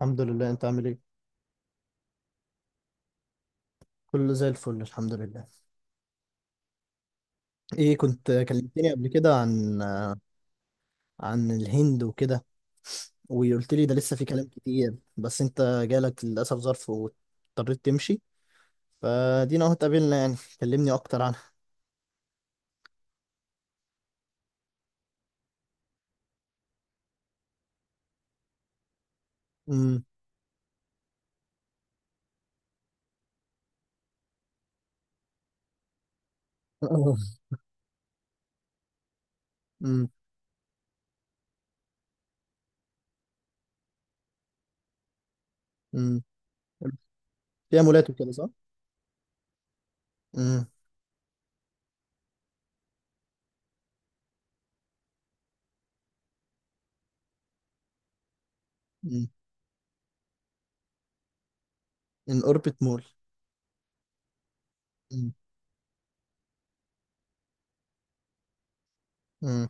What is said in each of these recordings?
الحمد لله. انت عامل ايه؟ كله زي الفل، الحمد لله. ايه، كنت كلمتني قبل كده عن الهند وكده، وقلت لي ده لسه في كلام كتير، بس انت جالك للاسف ظرف واضطريت تمشي. فدينا اهو اتقابلنا، يعني كلمني اكتر عنها. امم. امم. امم. فيها مولات وكده، صح؟ امم. امم. ان اوربت مول. امم. امم.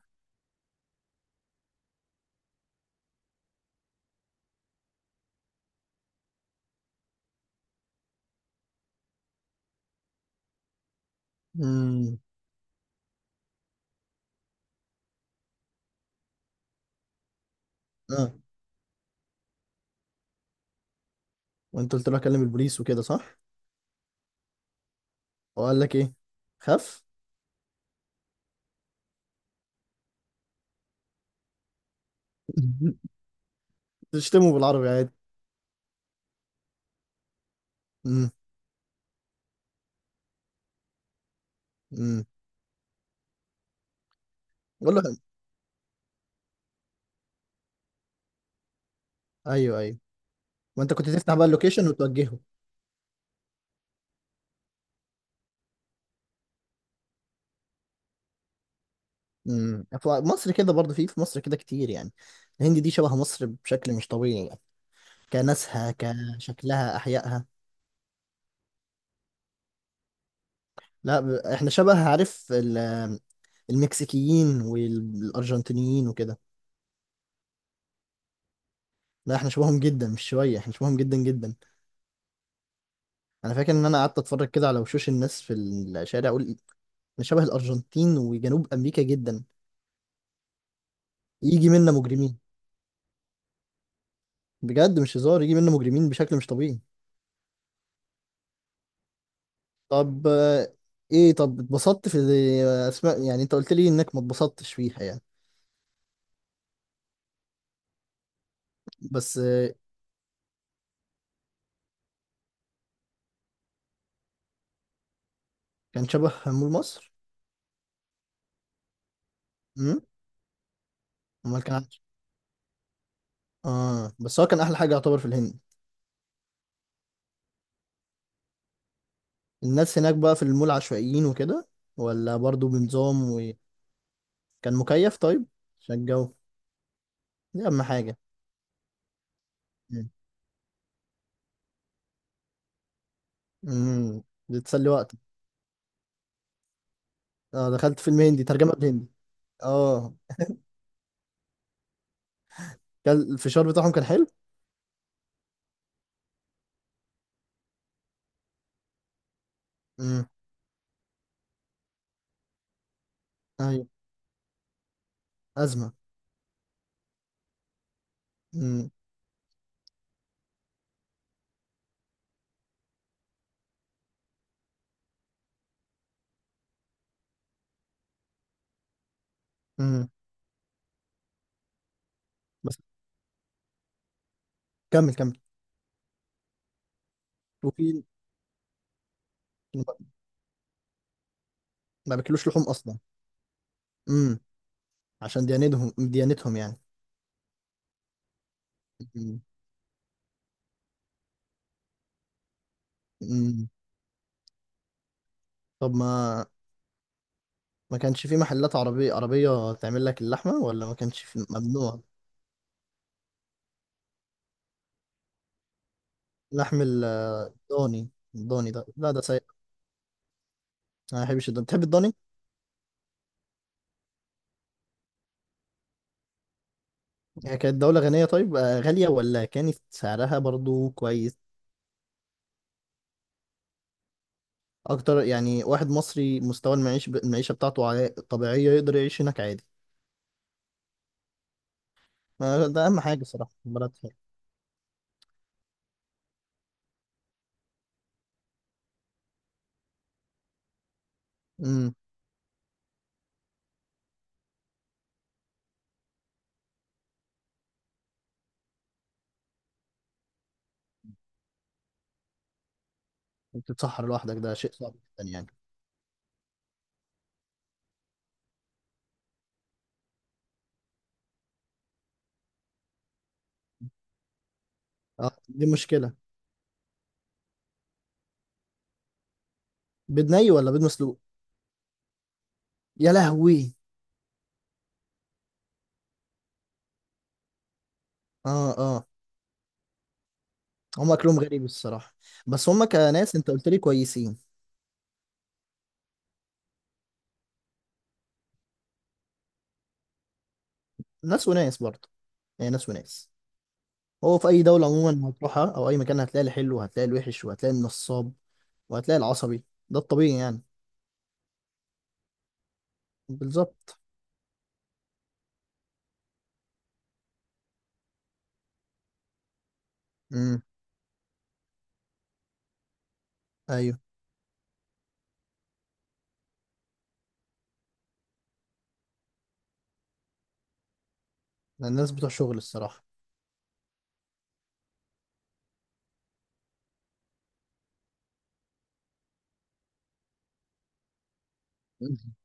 امم. اه، وانت قلت له اكلم البوليس وكده، صح؟ وقال لك ايه؟ خف؟ تشتمه بالعربي عادي. امم. امم. قول له. ايوه، ايوه. وانت كنت تفتح بقى اللوكيشن وتوجهه. في مصر كده برضه، في مصر كده كتير يعني. الهند دي شبه مصر بشكل مش طبيعي يعني. كناسها، كشكلها، احيائها. لا، احنا شبه، عارف، المكسيكيين والارجنتينيين وكده. لا، احنا شبههم جدا، مش شويه، احنا شبههم جدا جدا. انا فاكر ان انا قعدت اتفرج كده على وشوش الناس في الشارع اقول إيه، احنا شبه الارجنتين وجنوب امريكا جدا. يجي منا مجرمين. بجد مش هزار، يجي منا مجرمين بشكل مش طبيعي. طب، ايه، طب اتبسطت في اسماء؟ يعني انت قلت لي انك ما اتبسطتش فيها يعني. بس، كان شبه مول مصر؟ امم. امال كان عامل إيه؟ اه، بس هو كان احلى حاجه يعتبر في الهند. الناس هناك بقى في المول عشوائيين وكده، ولا برضو بنظام؟ وكان مكيف؟ طيب، عشان الجو. دي اهم حاجه. امم. إمم. بتسلي وقتك. اه، دخلت فيلم هندي ترجمه بالهندي؟ اه. كان الفشار بتاعهم كان حلو. امم. ايوه. ازمه. امم. امم. بس. كمل، كمل. وفي. ما بياكلوش لحوم اصلا؟ امم. عشان ديانتهم ديانتهم يعني. امم. امم. طب، ما ما كانش في محلات عربية عربية تعمل لك اللحمة، ولا ما كانش في؟ ممنوع. لحم الضاني. الضاني ده، لا، ده سيء. انا ما بحبش الضاني، بتحب الضاني؟ هي كانت دولة غنية، طيب، غالية ولا كانت سعرها برضو كويس؟ اكتر، يعني واحد مصري مستوى المعيشة بتاعته طبيعية يقدر يعيش هناك عادي؟ ده اهم حاجة صراحة، بلد حلوة. امم. تتسحر لوحدك ده شيء صعب جدا يعني. اه، دي مشكلة. بيض ني ولا بيض مسلوق؟ يا لهوي! اه، اه، هم اكلهم غريب الصراحه. بس هم كناس، انت قلت لي كويسين. ناس وناس برضه، يعني ناس وناس. هو في اي دوله عموما هتروحها او اي مكان، هتلاقي الحلو وهتلاقي الوحش وهتلاقي النصاب وهتلاقي العصبي. ده الطبيعي يعني. بالظبط. امم. ايوه. ده الناس بتوع شغل الصراحه.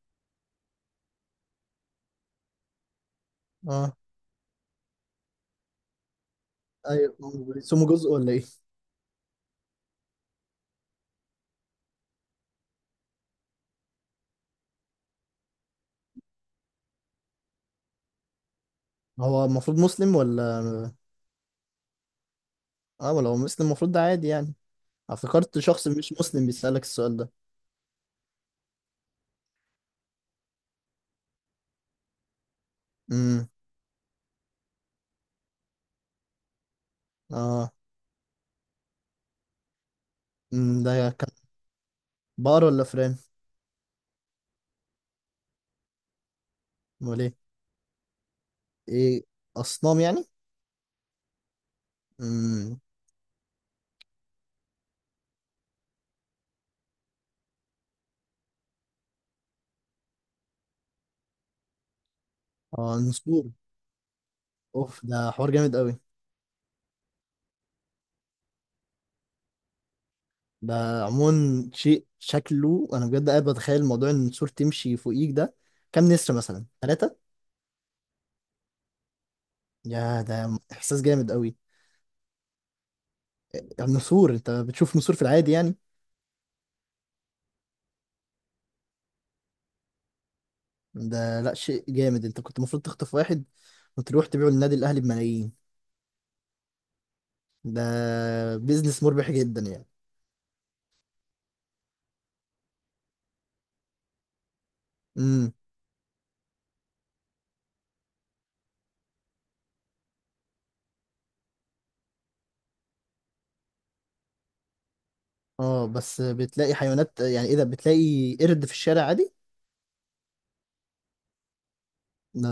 اه. ايوه، هم بيقسموا جزء ولا ايه؟ هو المفروض مسلم ولا؟ اه، ولا هو مسلم المفروض، ده عادي يعني. افتكرت شخص مش مسلم بيسألك السؤال ده. امم. اه. ده كان بقر ولا فران؟ امال ايه؟ ايه، اصنام يعني؟ امم. اه، نسور؟ اوف، ده حوار جامد قوي. ده عموما شيء شكله، انا بجد قاعد بتخيل موضوع ان النسور تمشي فوقيك ده. كام نسر مثلا، ثلاثة؟ يا، ده احساس جامد قوي. النسور، انت بتشوف نسور في العادي يعني؟ ده لا، شيء جامد، انت كنت المفروض تخطف واحد وتروح تبيعه للنادي الاهلي بملايين. ده بيزنس مربح جدا يعني. امم. اه، بس بتلاقي حيوانات، يعني ايه ده؟ بتلاقي قرد في الشارع عادي. ده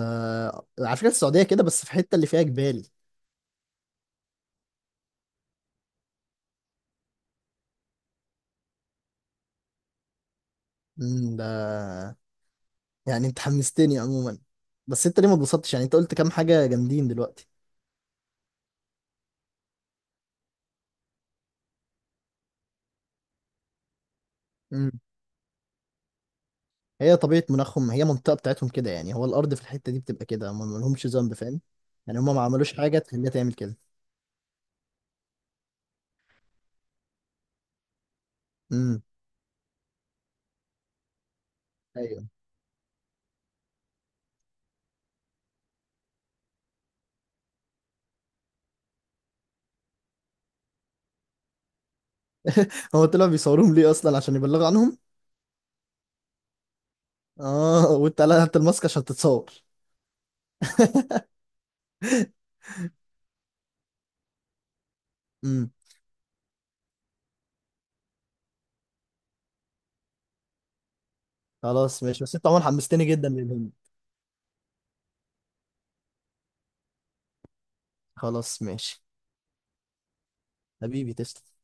على فكرة، السعودية كده بس في الحتة اللي فيها جبال. ده يعني انت حمستني عموما. بس انت ليه ما اتبسطتش؟ يعني انت قلت كام حاجة جامدين دلوقتي. مم. هي طبيعة مناخهم، هي منطقة بتاعتهم كده يعني، هو الأرض في الحتة دي بتبقى كده، هم ما لهمش ذنب، فاهم. يعني هم ما عملوش حاجة تخليها تعمل كده. امم. ايوه. هو طلع بيصوروهم ليه أصلا؟ عشان يبلغوا عنهم؟ اه، وانت قلعت الماسك عشان تتصور؟ امم. خلاص ماشي، بس انت عموما حمستني جدا للهند. خلاص ماشي. حبيبي تسلم.